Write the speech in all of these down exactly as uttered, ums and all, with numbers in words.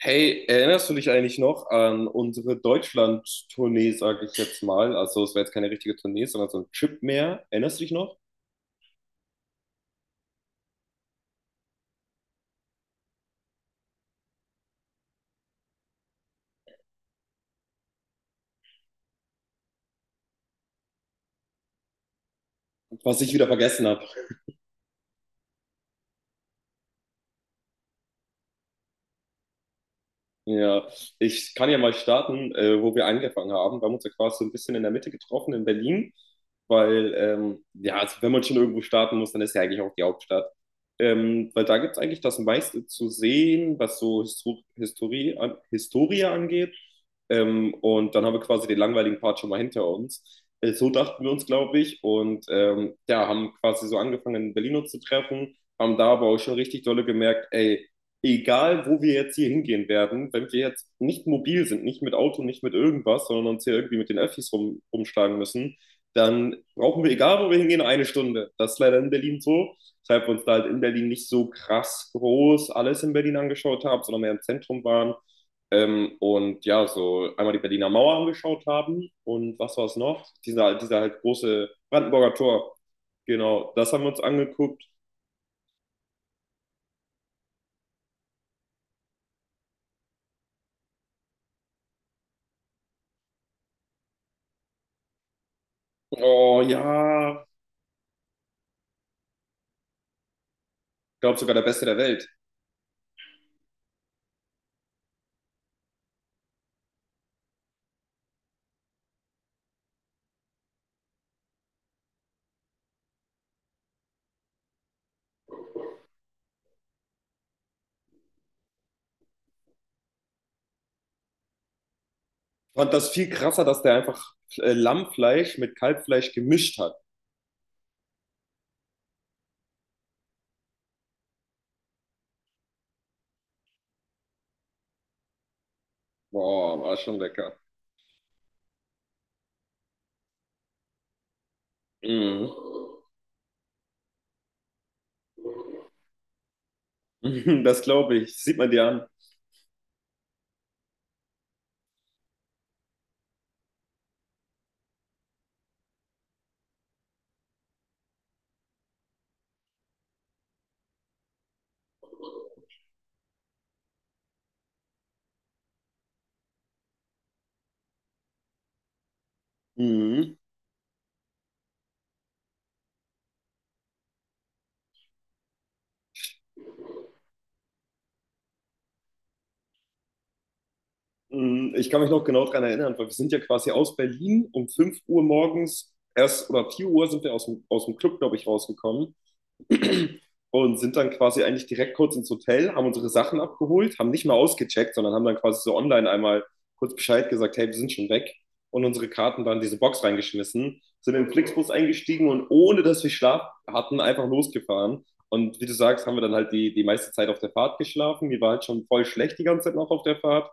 Hey, erinnerst du dich eigentlich noch an unsere Deutschland-Tournee, sage ich jetzt mal? Also es war jetzt keine richtige Tournee, sondern so ein Trip mehr. Erinnerst du dich noch? Was ich wieder vergessen. Ja, ich kann ja mal starten, äh, wo wir angefangen haben. Wir haben uns ja quasi so ein bisschen in der Mitte getroffen in Berlin, weil, ähm, ja, also wenn man schon irgendwo starten muss, dann ist ja eigentlich auch die Hauptstadt. Ähm, weil da gibt es eigentlich das meiste zu sehen, was so Histo Historie, an Historie angeht. Ähm, und dann haben wir quasi den langweiligen Part schon mal hinter uns. Äh, so dachten wir uns, glaube ich. Und ähm, ja, haben quasi so angefangen, in Berlin uns zu treffen, haben da aber auch schon richtig dolle gemerkt, ey, egal wo wir jetzt hier hingehen werden, wenn wir jetzt nicht mobil sind, nicht mit Auto, nicht mit irgendwas, sondern uns hier irgendwie mit den Öffis rum, rumschlagen müssen, dann brauchen wir, egal wo wir hingehen, eine Stunde. Das ist leider in Berlin so, weshalb wir uns da halt in Berlin nicht so krass groß alles in Berlin angeschaut haben, sondern mehr im Zentrum waren. Ähm, und ja, so einmal die Berliner Mauer angeschaut haben und was war es noch? Dieser, dieser halt große Brandenburger Tor. Genau, das haben wir uns angeguckt. Oh ja, ich glaube sogar der beste der Welt. Fand das viel krasser, dass der einfach äh, Lammfleisch mit Kalbfleisch gemischt hat. Boah, war schon lecker. Mhm. Das glaube ich. Sieht man dir an. Mhm. Mhm. Ich kann mich noch genau daran erinnern, weil wir sind ja quasi aus Berlin um fünf Uhr morgens, erst oder vier Uhr sind wir aus dem, aus dem Club, glaube ich, rausgekommen. Und sind dann quasi eigentlich direkt kurz ins Hotel, haben unsere Sachen abgeholt, haben nicht mal ausgecheckt, sondern haben dann quasi so online einmal kurz Bescheid gesagt, hey, wir sind schon weg und unsere Karten dann in diese Box reingeschmissen, sind in den Flixbus eingestiegen und ohne dass wir Schlaf hatten, einfach losgefahren. Und wie du sagst, haben wir dann halt die, die meiste Zeit auf der Fahrt geschlafen. Mir war halt schon voll schlecht die ganze Zeit noch auf der Fahrt,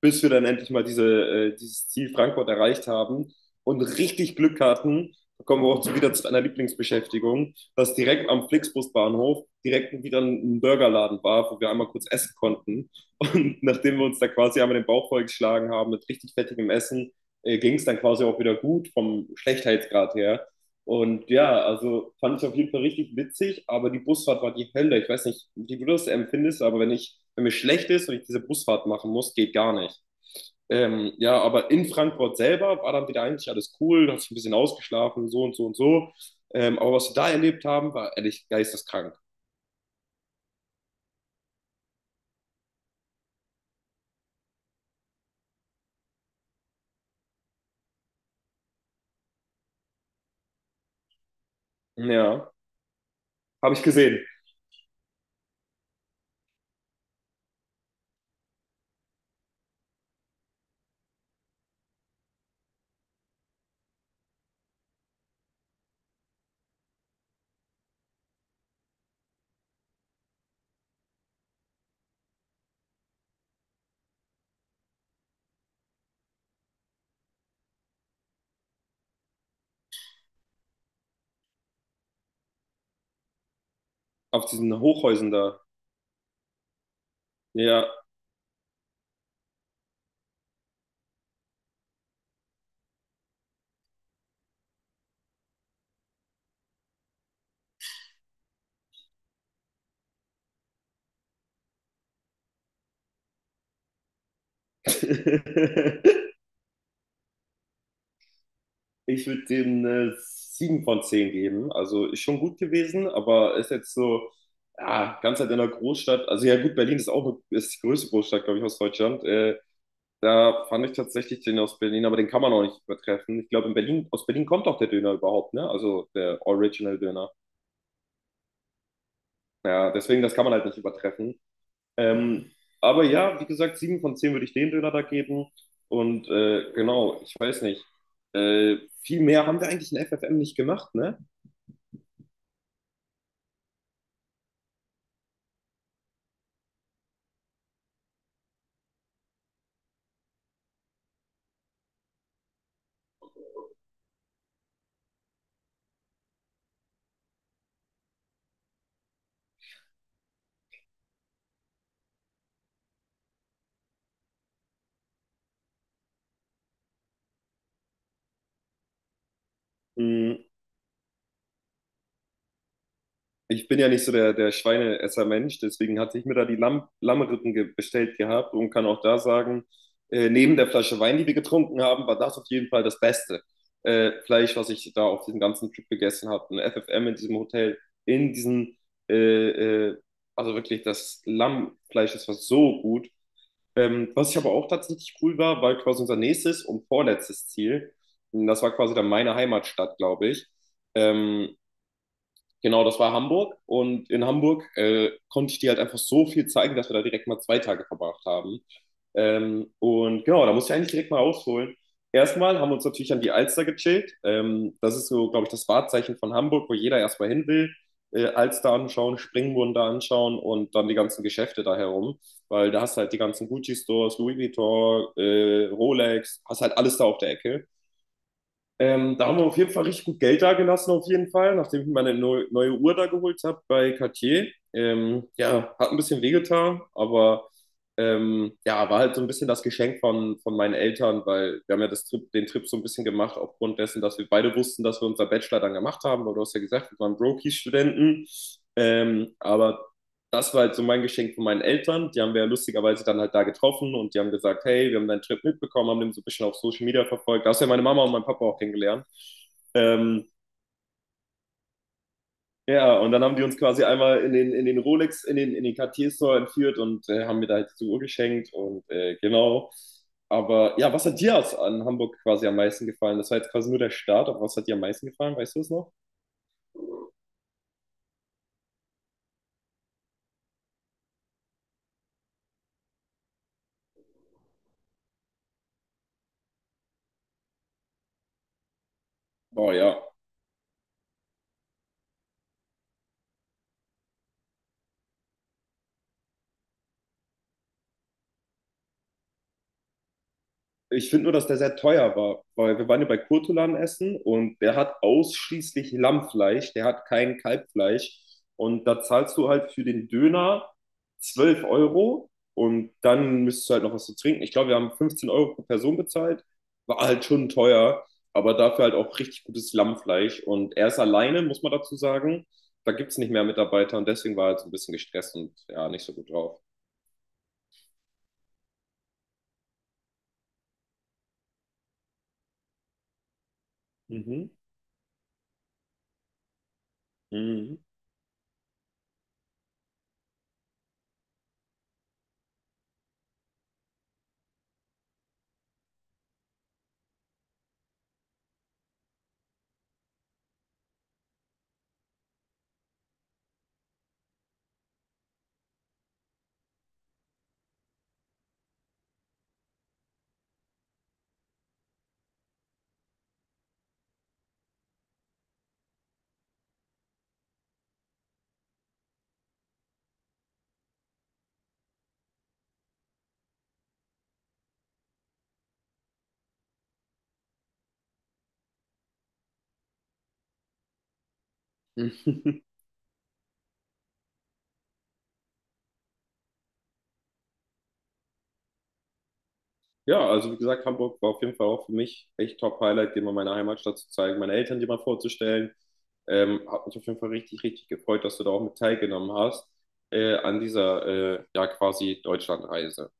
bis wir dann endlich mal diese, äh, dieses Ziel Frankfurt erreicht haben und richtig Glück hatten. Da kommen wir auch zu, wieder zu einer Lieblingsbeschäftigung, dass direkt am Flixbusbahnhof direkt wieder ein Burgerladen war, wo wir einmal kurz essen konnten. Und nachdem wir uns da quasi einmal den Bauch vollgeschlagen haben mit richtig fettigem Essen, äh, ging es dann quasi auch wieder gut vom Schlechtheitsgrad her. Und ja, also fand ich auf jeden Fall richtig witzig, aber die Busfahrt war die Hölle. Ich weiß nicht, wie du das empfindest, aber wenn ich, wenn mir schlecht ist und ich diese Busfahrt machen muss, geht gar nicht. Ähm, ja, aber in Frankfurt selber war dann wieder eigentlich alles cool, da hast du ein bisschen ausgeschlafen, so und so und so. Ähm, aber was wir da erlebt haben, war ehrlich geisteskrank. Ja, habe ich gesehen. Auf diesen Hochhäusern da. Ja. Ich würde dem äh, sieben von zehn geben. Also ist schon gut gewesen, aber ist jetzt so, ja, ganz halt in der Großstadt. Also ja gut, Berlin ist auch eine, ist die größte Großstadt, glaube ich, aus Deutschland. Äh, Da fand ich tatsächlich den aus Berlin, aber den kann man auch nicht übertreffen. Ich glaube, in Berlin, aus Berlin kommt auch der Döner überhaupt, ne? Also der Original-Döner. Ja, deswegen, das kann man halt nicht übertreffen. Ähm, aber ja, wie gesagt, sieben von zehn würde ich den Döner da geben. Und äh, genau, ich weiß nicht. Äh, viel mehr haben wir eigentlich in F F M nicht gemacht, ne? Mm, ich bin ja nicht so der, der Schweineesser-Mensch, deswegen hatte ich mir da die Lamm, Lammrippen ge- bestellt gehabt und kann auch da sagen, äh, neben der Flasche Wein, die wir getrunken haben, war das auf jeden Fall das beste äh, Fleisch, was ich da auf diesem ganzen Trip gegessen habe. Ein F F M in diesem Hotel, in diesem, äh, äh, also wirklich das Lammfleisch, das war so gut. Ähm, was ich aber auch tatsächlich cool war, war quasi unser nächstes und vorletztes Ziel. Und das war quasi dann meine Heimatstadt, glaube ich. Ähm, Genau, das war Hamburg. Und in Hamburg äh, konnte ich dir halt einfach so viel zeigen, dass wir da direkt mal zwei Tage verbracht haben. Ähm, und genau, da muss ich eigentlich direkt mal ausholen. Erstmal haben wir uns natürlich an die Alster gechillt. Ähm, das ist so, glaube ich, das Wahrzeichen von Hamburg, wo jeder erstmal hin will. Äh, Alster anschauen, Springbrunnen da anschauen und dann die ganzen Geschäfte da herum. Weil da hast du halt die ganzen Gucci-Stores, Louis Vuitton, äh, Rolex, hast halt alles da auf der Ecke. Ähm, da haben wir auf jeden Fall richtig gut Geld dagelassen, auf jeden Fall, nachdem ich mir meine neu, neue Uhr da geholt habe bei Cartier. Ähm, ja, hat ein bisschen wehgetan, aber ähm, ja, war halt so ein bisschen das Geschenk von, von meinen Eltern, weil wir haben ja das Trip, den Trip so ein bisschen gemacht, aufgrund dessen, dass wir beide wussten, dass wir unser Bachelor dann gemacht haben, weil du hast ja gesagt, wir waren Brokies-Studenten. Ähm, aber das war halt so mein Geschenk von meinen Eltern. Die haben wir ja lustigerweise dann halt da getroffen und die haben gesagt, hey, wir haben deinen Trip mitbekommen, haben den so ein bisschen auf Social Media verfolgt. Da hast du ja meine Mama und meinen Papa auch kennengelernt. Ähm, ja, und dann haben die uns quasi einmal in den, in den Rolex, in den, in den Cartier-Store entführt und äh, haben mir da halt die Uhr geschenkt und äh, genau. Aber ja, was hat dir aus, an Hamburg quasi am meisten gefallen? Das war jetzt quasi nur der Start, aber was hat dir am meisten gefallen? Weißt du es noch? Oh ja. Ich finde nur, dass der sehr teuer war, weil wir waren ja bei Kurtulan essen und der hat ausschließlich Lammfleisch, der hat kein Kalbfleisch. Und da zahlst du halt für den Döner zwölf Euro und dann müsstest du halt noch was zu trinken. Ich glaube, wir haben fünfzehn Euro pro Person bezahlt. War halt schon teuer, aber dafür halt auch richtig gutes Lammfleisch. Und er ist alleine, muss man dazu sagen. Da gibt es nicht mehr Mitarbeiter und deswegen war er halt so ein bisschen gestresst und ja, nicht so gut drauf. Mhm. Mhm. Ja, also wie gesagt, Hamburg war auf jeden Fall auch für mich echt Top-Highlight, dir mal meine Heimatstadt zu zeigen, meine Eltern dir mal vorzustellen. Ähm, hat mich auf jeden Fall richtig, richtig gefreut, dass du da auch mit teilgenommen hast äh, an dieser äh, ja quasi Deutschlandreise.